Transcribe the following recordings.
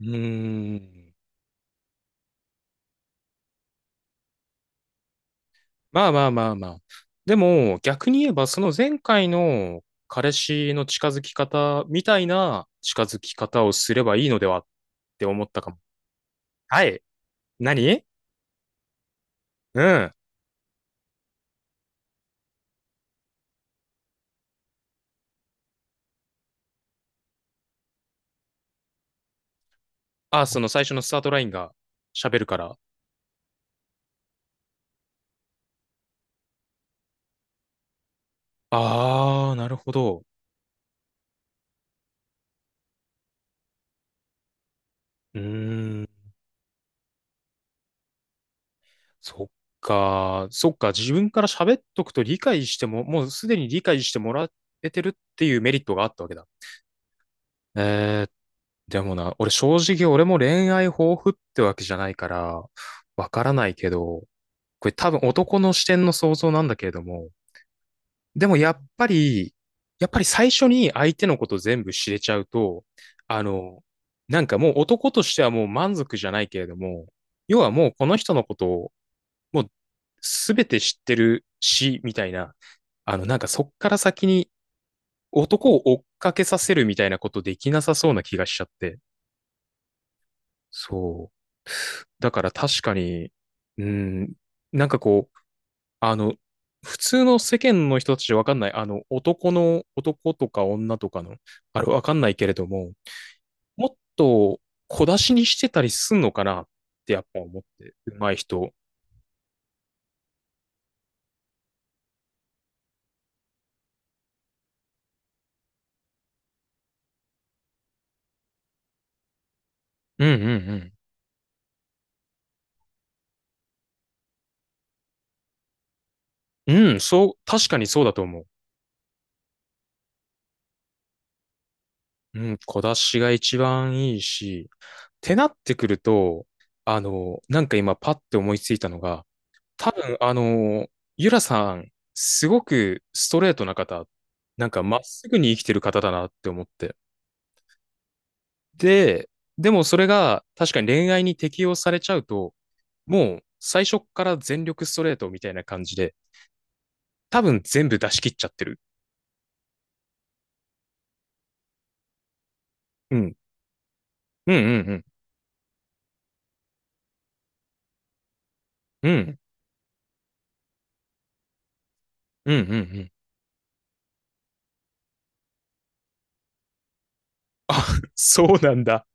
うーん。まあまあまあまあ。でも、逆に言えば、その前回の彼氏の近づき方みたいな近づき方をすればいいのではって思ったかも。はい。何うん。あ、その最初のスタートラインが喋るから。あー、なるほど。うーん。そっか。そっか。自分から喋っとくと理解しても、もうすでに理解してもらえてるっていうメリットがあったわけだ。えーっでもな、俺正直俺も恋愛豊富ってわけじゃないから、わからないけど、これ多分男の視点の想像なんだけれども、でもやっぱり、最初に相手のこと全部知れちゃうと、あの、なんかもう男としてはもう満足じゃないけれども、要はもうこの人のことをもう全て知ってるし、みたいな、なんかそっから先に男を追っかけさせるみたいなことできなさそうな気がしちゃって、そう。だから確かに、うん、なんかこう、あの、普通の世間の人たちじゃわかんない、男とか女とかの、あれわかんないけれども、もっと小出しにしてたりすんのかなってやっぱ思って、上手い人。うんうんうん。うん、そう、確かにそうだと思う。うん、小出しが一番いいし、ってなってくると、なんか今パッて思いついたのが、多分、ゆらさん、すごくストレートな方、なんかまっすぐに生きてる方だなって思って。で、それが確かに恋愛に適用されちゃうと、もう最初っから全力ストレートみたいな感じで、多分全部出し切っちゃってる。うん。うんうんうん。うん。うんうんうん。そうなんだ。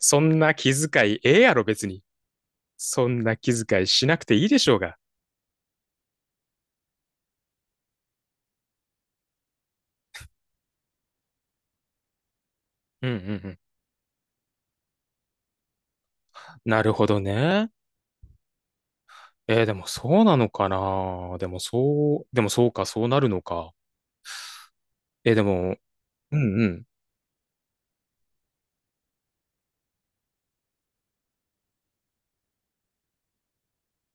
そんな気遣いええやろ別に。そんな気遣いしなくていいでしょうが。うんうんうん。なるほどね。でもそうなのかなでもそうか、そうなるのか。でも、うんうん。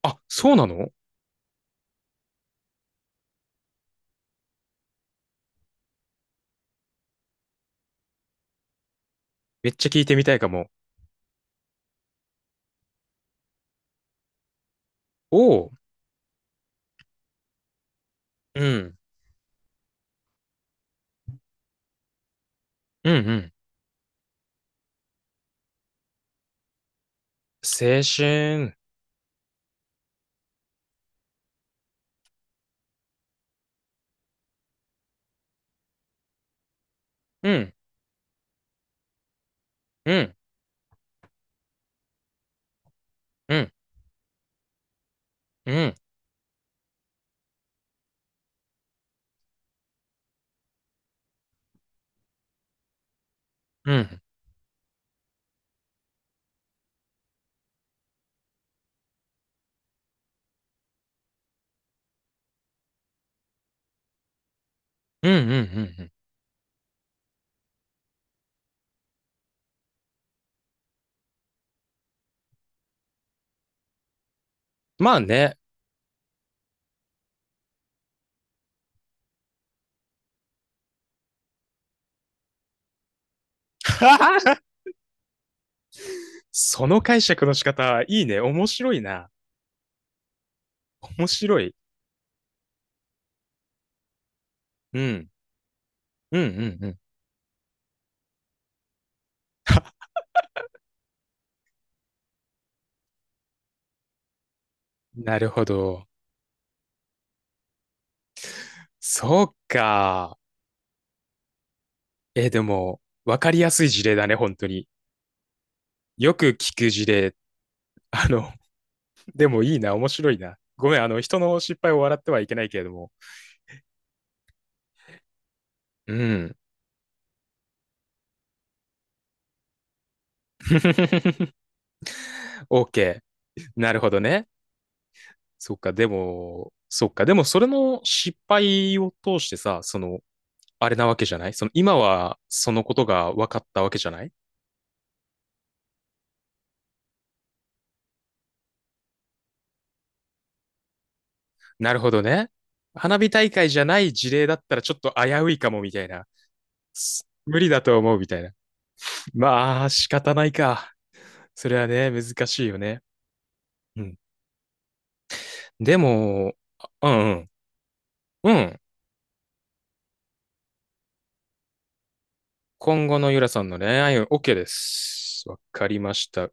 あ、そうなの。めっちゃ聞いてみたいかも。おう、うん、うん、うん。青春。うん、うん、うん、うん、うん、うん、うん、うん。うん、まあね。その解釈の仕方、いいね。面白いな。面白い。うん、うん、うん、うん。なるほど。そうか。でも、わかりやすい事例だね、本当に。よく聞く事例。あの、でもいいな、面白いな。ごめん、人の失敗を笑ってはいけないけれども。うん。OK。なるほどね。そっか、でも、それの失敗を通してさ、あれなわけじゃない、今はそのことが分かったわけじゃない。なるほどね。花火大会じゃない事例だったらちょっと危ういかもみたいな。無理だと思うみたいな。まあ、仕方ないか。それはね、難しいよね。うん。でも、あ、うんうん。うん。今後のゆらさんの恋愛運 OK です。わかりました。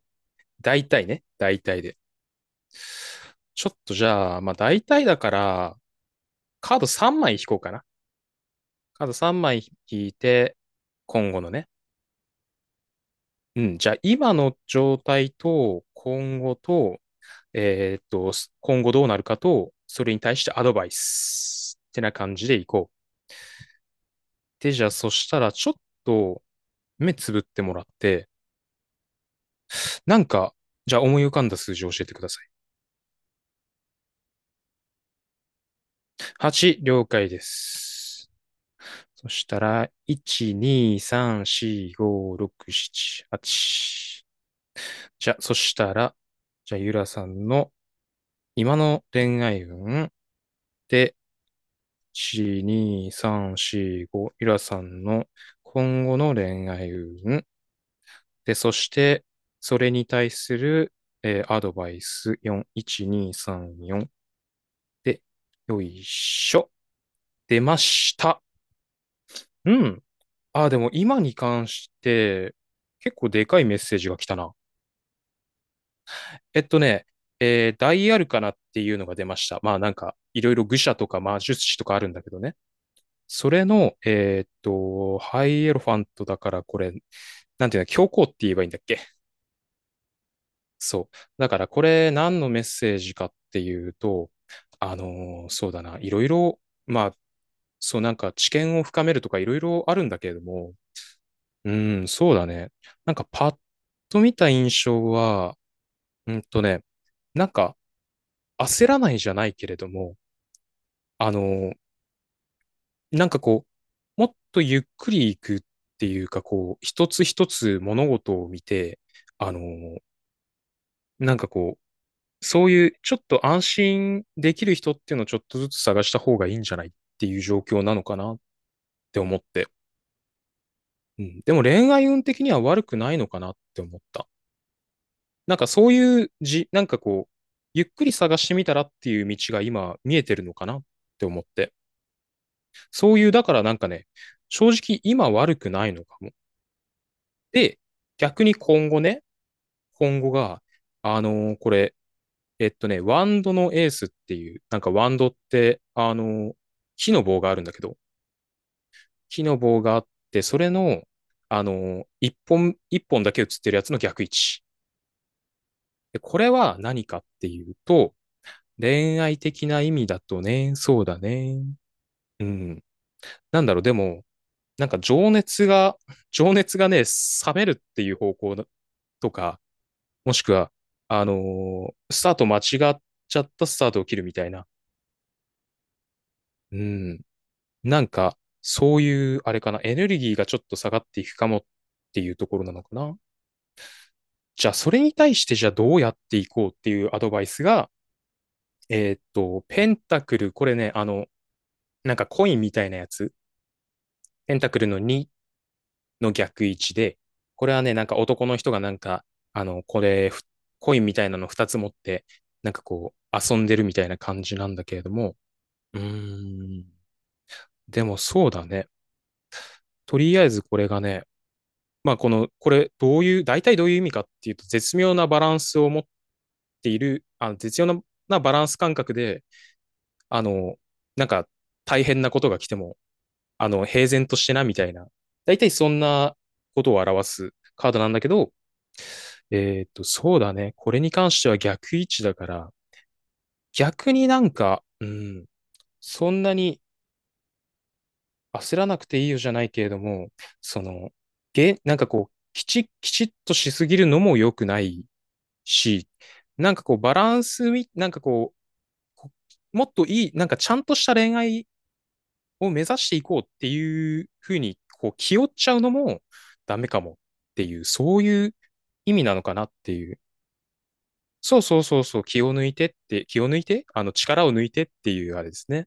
大体ね。大体で。ちょっとじゃあ、まあ大体だから、カード3枚引こうかな。カード3枚引いて、今後のね。うん。じゃあ今の状態と、今後と、えーっと、今後どうなるかと、それに対してアドバイス。ってな感じでいこう。で、じゃあそしたら、ちょっと目つぶってもらって、なんか、じゃあ思い浮かんだ数字を教えてください。8、了解です。そしたら、1、2、3、4、5、6、7、8。じゃあ、そしたら、じゃあ、ゆらさんの今の恋愛運で、1、2、3、4、5、ゆらさんの今後の恋愛運で、そして、それに対する、アドバイス4、1、2、3、4で、よいしょ。出ました。うん。ああ、でも今に関して、結構でかいメッセージが来たな。えっとね、えーダイアルカナっていうのが出ました。まあなんか、いろいろ愚者とか魔術師とかあるんだけどね。それの、ハイエロファントだからこれ、なんていうの、教皇って言えばいいんだっけ。そう。だからこれ何のメッセージかっていうと、そうだな、いろいろ、まあ、そう、なんか知見を深めるとかいろいろあるんだけれども、うん、そうだね。なんかパッと見た印象は、うんとね、なんか焦らないじゃないけれども、あの、なんかこう、もっとゆっくり行くっていうか、こう、一つ一つ物事を見て、あの、なんかこう、そういうちょっと安心できる人っていうのをちょっとずつ探した方がいいんじゃないっていう状況なのかなって思って。うん、でも恋愛運的には悪くないのかなって思った。なんかそういうじ、なんかこう、ゆっくり探してみたらっていう道が今見えてるのかなって思って。そういう、だからなんかね、正直今悪くないのかも。で、逆に今後ね、今後が、これ、ワンドのエースっていう、なんかワンドって、ー木の棒があるんだけど、木の棒があって、それの、一本だけ映ってるやつの逆位置。でこれは何かっていうと、恋愛的な意味だとね、そうだね。うん。なんだろう、でも、なんか情熱が、情熱がね、冷めるっていう方向だとか、もしくは、あのスタート間違っちゃったスタートを切るみたいな。うん。なんか、そういう、あれかな、エネルギーがちょっと下がっていくかもっていうところなのかな。じゃあ、それに対して、じゃあどうやっていこうっていうアドバイスが、ペンタクル、これね、なんかコインみたいなやつ、ペンタクルの2の逆位置で、これはね、なんか男の人がなんか、これ、コインみたいなの2つ持って、なんかこう、遊んでるみたいな感じなんだけれども、うーん。でもそうだね。とりあえずこれがね、まあ、これどういう、大体どういう意味かっていうと、絶妙なバランスを持っている、絶妙ななバランス感覚で、あの、なんか大変なことが来ても、平然としてなみたいな、大体そんなことを表すカードなんだけど、そうだね。これに関しては逆位置だから、逆になんか、そんなに焦らなくていいよじゃないけれども、その、なんかこう、きちっとしすぎるのも良くないし、なんかこう、バランスみ、なんかこう、こもっといい、なんかちゃんとした恋愛を目指していこうっていうふうに、こう、気負っちゃうのもダメかもっていう、そういう意味なのかなっていう。そうそうそうそう、気を抜いて、力を抜いてっていうあれですね。